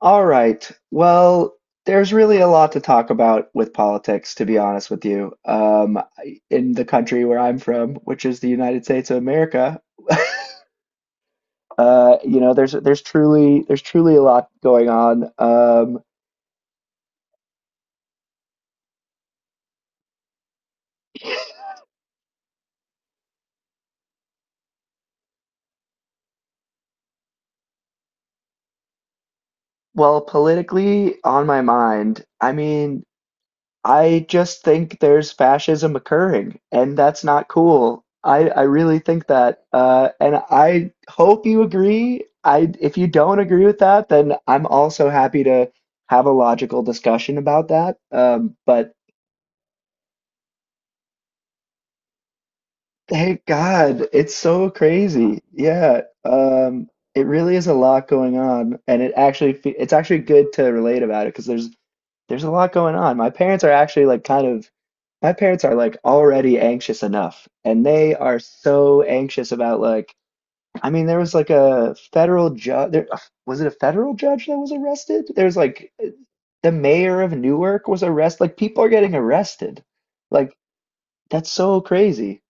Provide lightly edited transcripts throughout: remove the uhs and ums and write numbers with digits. All right. Well, there's really a lot to talk about with politics, to be honest with you. In the country where I'm from, which is the United States of America, there's truly a lot going on. Well, politically on my mind, I just think there's fascism occurring, and that's not cool. I really think that, and I hope you agree. If you don't agree with that, then I'm also happy to have a logical discussion about that. But thank God. It's so crazy. Yeah. It really is a lot going on, and it actually it's actually good to relate about it because there's a lot going on. My parents are actually my parents are like already anxious enough, and they are so anxious about like, I mean, there was like a federal judge there was it a federal judge that was arrested? There's like the mayor of Newark was arrested. Like, people are getting arrested. Like, that's so crazy.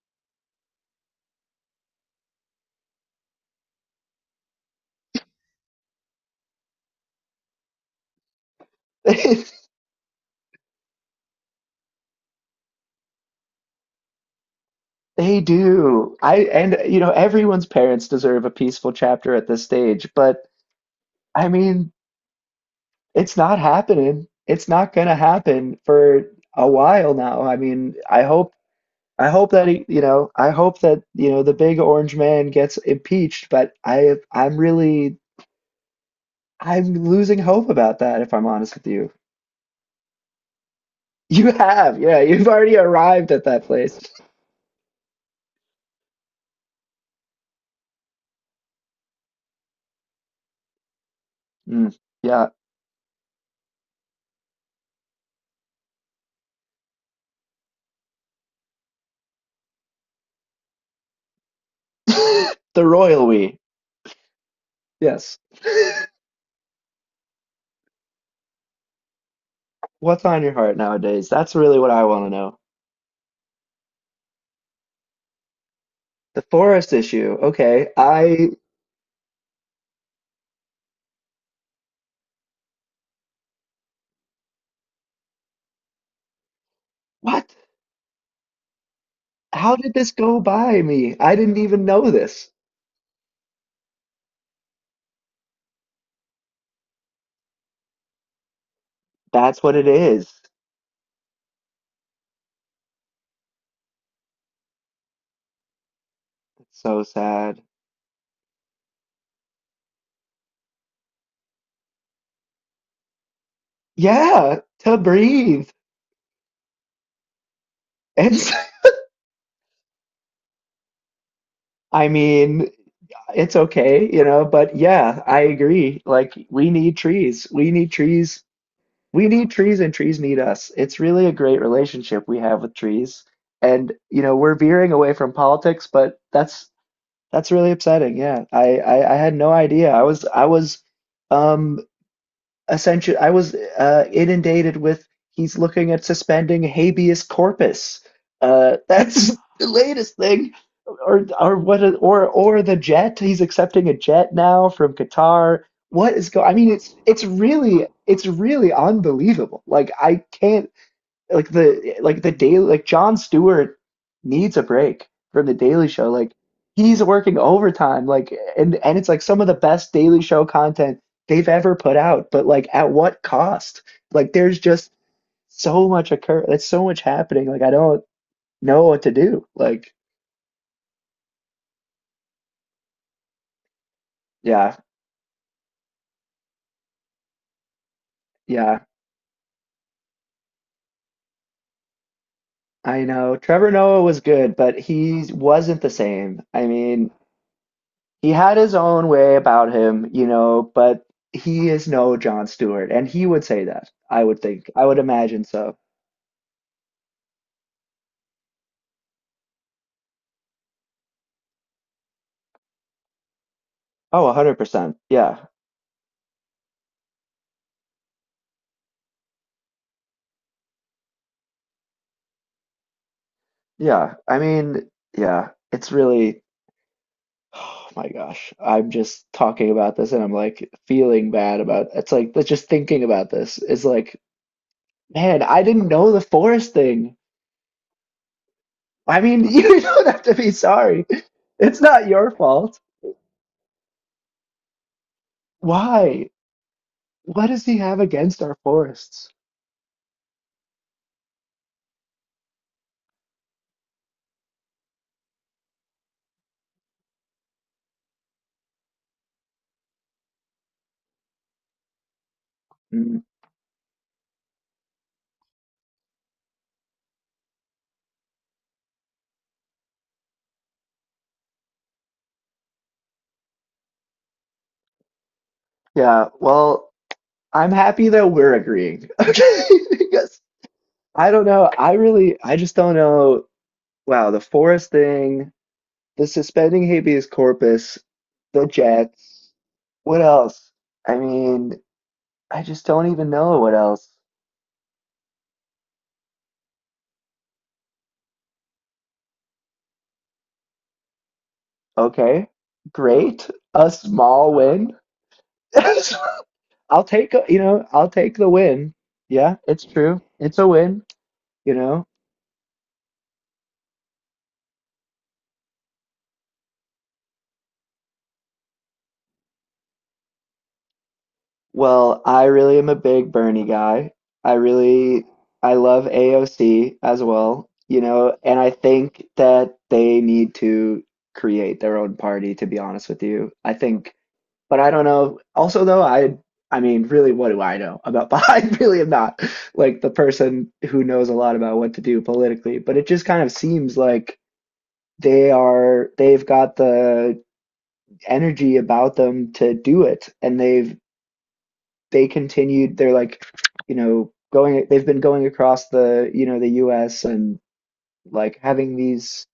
They do. I And, you know, everyone's parents deserve a peaceful chapter at this stage, but, I mean, it's not happening. It's not gonna happen for a while now. I hope that I hope that, you know, the big orange man gets impeached, but I'm really I'm losing hope about that if I'm honest with you. You have, yeah, you've already arrived at that place. Mm, yeah. The royal we. Yes. What's on your heart nowadays? That's really what I want to know. The forest issue. Okay. What? How did this go by me? I didn't even know this. That's what it is. It's so sad. Yeah, to breathe. It's. I mean, it's okay, you know, but yeah, I agree. Like, we need trees. We need trees. We need trees and trees need us. It's really a great relationship we have with trees. And, you know, we're veering away from politics, but that's really upsetting. Yeah, I had no idea. I was um essentially I was inundated with, he's looking at suspending habeas corpus. That's the latest thing, or what? Or the jet. He's accepting a jet now from Qatar. What is going? I mean, it's it's really unbelievable. Like, I can't, like the, daily, like John Stewart needs a break from the Daily Show. Like, he's working overtime. And it's like some of the best Daily Show content they've ever put out. But like, at what cost? Like, there's just so much occur. That's so much happening. Like, I don't know what to do. Like, yeah, yeah. I know Trevor Noah was good, but he wasn't the same. I mean, he had his own way about him, you know, but he is no Jon Stewart, and he would say that. I would think. I would imagine so. Oh, 100%. Yeah. Yeah. It's really, oh my gosh. I'm just talking about this and I'm like feeling bad about, it's like, that's just thinking about this is like, man, I didn't know the forest thing. I mean, you don't have to be sorry. It's not your fault. Why? What does he have against our forests? Hmm. Yeah, well, I'm happy that we're agreeing. Okay, because I don't know. I really, I just don't know. Wow, the Forrest thing, the suspending habeas corpus, the Jets. What else? I mean, I just don't even know what else. Okay, great. A small win. I'll take, you know, I'll take the win. Yeah, it's true. It's a win, you know. Well, I really am a big Bernie guy. I really I love AOC as well, you know, and I think that they need to create their own party, to be honest with you. I think, but I don't know. Also though, I mean, really, what do I know about I really am not like the person who knows a lot about what to do politically, but it just kind of seems like they've got the energy about them to do it, and they've they continued they're like you know, going, they've been going across the, you know, the US and like having these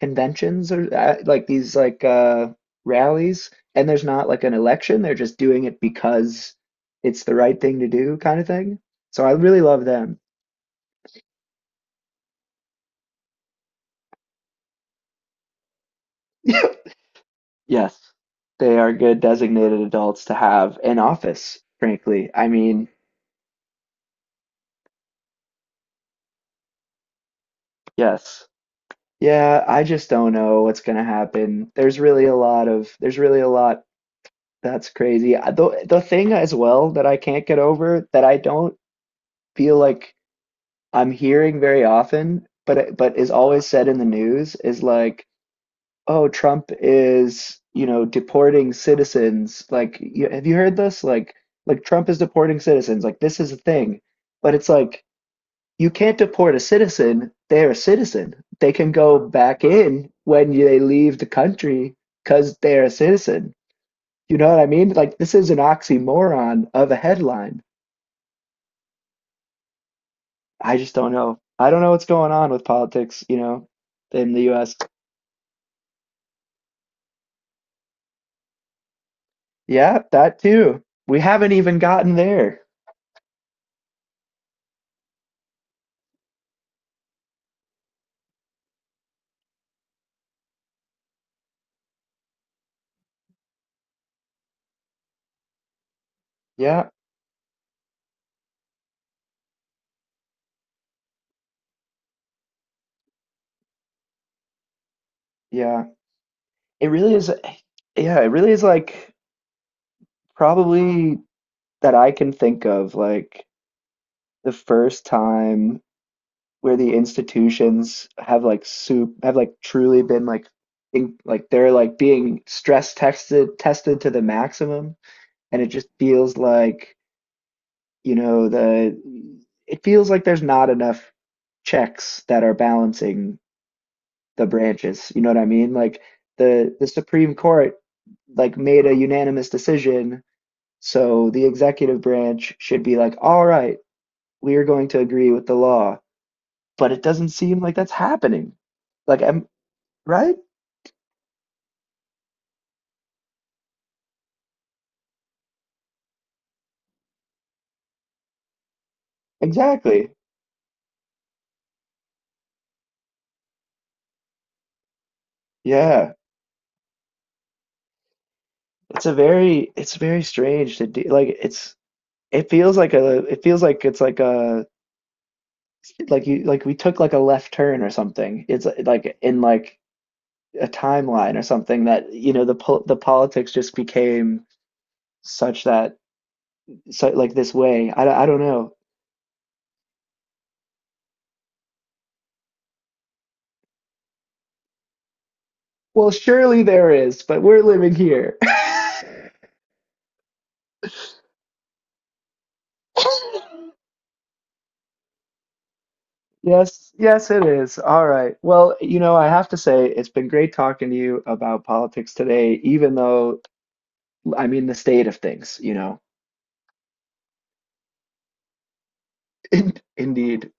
conventions or like these like rallies, and there's not like an election, they're just doing it because it's the right thing to do, kind of thing, so I really love them. Yes, they are good designated adults to have in office, frankly. I mean, yes, yeah, I just don't know what's going to happen. There's really a lot That's crazy. The thing as well that I can't get over, that I don't feel like I'm hearing very often, but it- but is always said in the news, is like, oh, Trump is, you know, deporting citizens. Like, have you heard this? Like, Trump is deporting citizens. Like, this is a thing. But it's like, you can't deport a citizen. They're a citizen. They can go back in when they leave the country because they're a citizen. You know what I mean? Like, this is an oxymoron of a headline. I just don't know. I don't know what's going on with politics, you know, in the US. Yeah, that too. We haven't even gotten there. Yeah, yeah. It really is, yeah, it really is like probably, that I can think of, like the first time where the institutions have like soup have like truly been like in, like they're like being stress tested tested to the maximum. And it just feels like, you know, the it feels like there's not enough checks that are balancing the branches. You know what I mean? Like, the Supreme Court like made a unanimous decision, so the executive branch should be like, all right, we are going to agree with the law, but it doesn't seem like that's happening. Like, I'm right? Exactly. Yeah. It's a very, it's very strange to do. Like, it's, it feels like a, it feels like it's like a, like you, like we took like a left turn or something. It's like in like a timeline or something, that, you know, the the politics just became such that, so like this way. I don't know. Well, surely there is, but we're living here. Yes, yes, it is. All right. Well, you know, I have to say it's been great talking to you about politics today, even though, I mean, the state of things, you know. Indeed.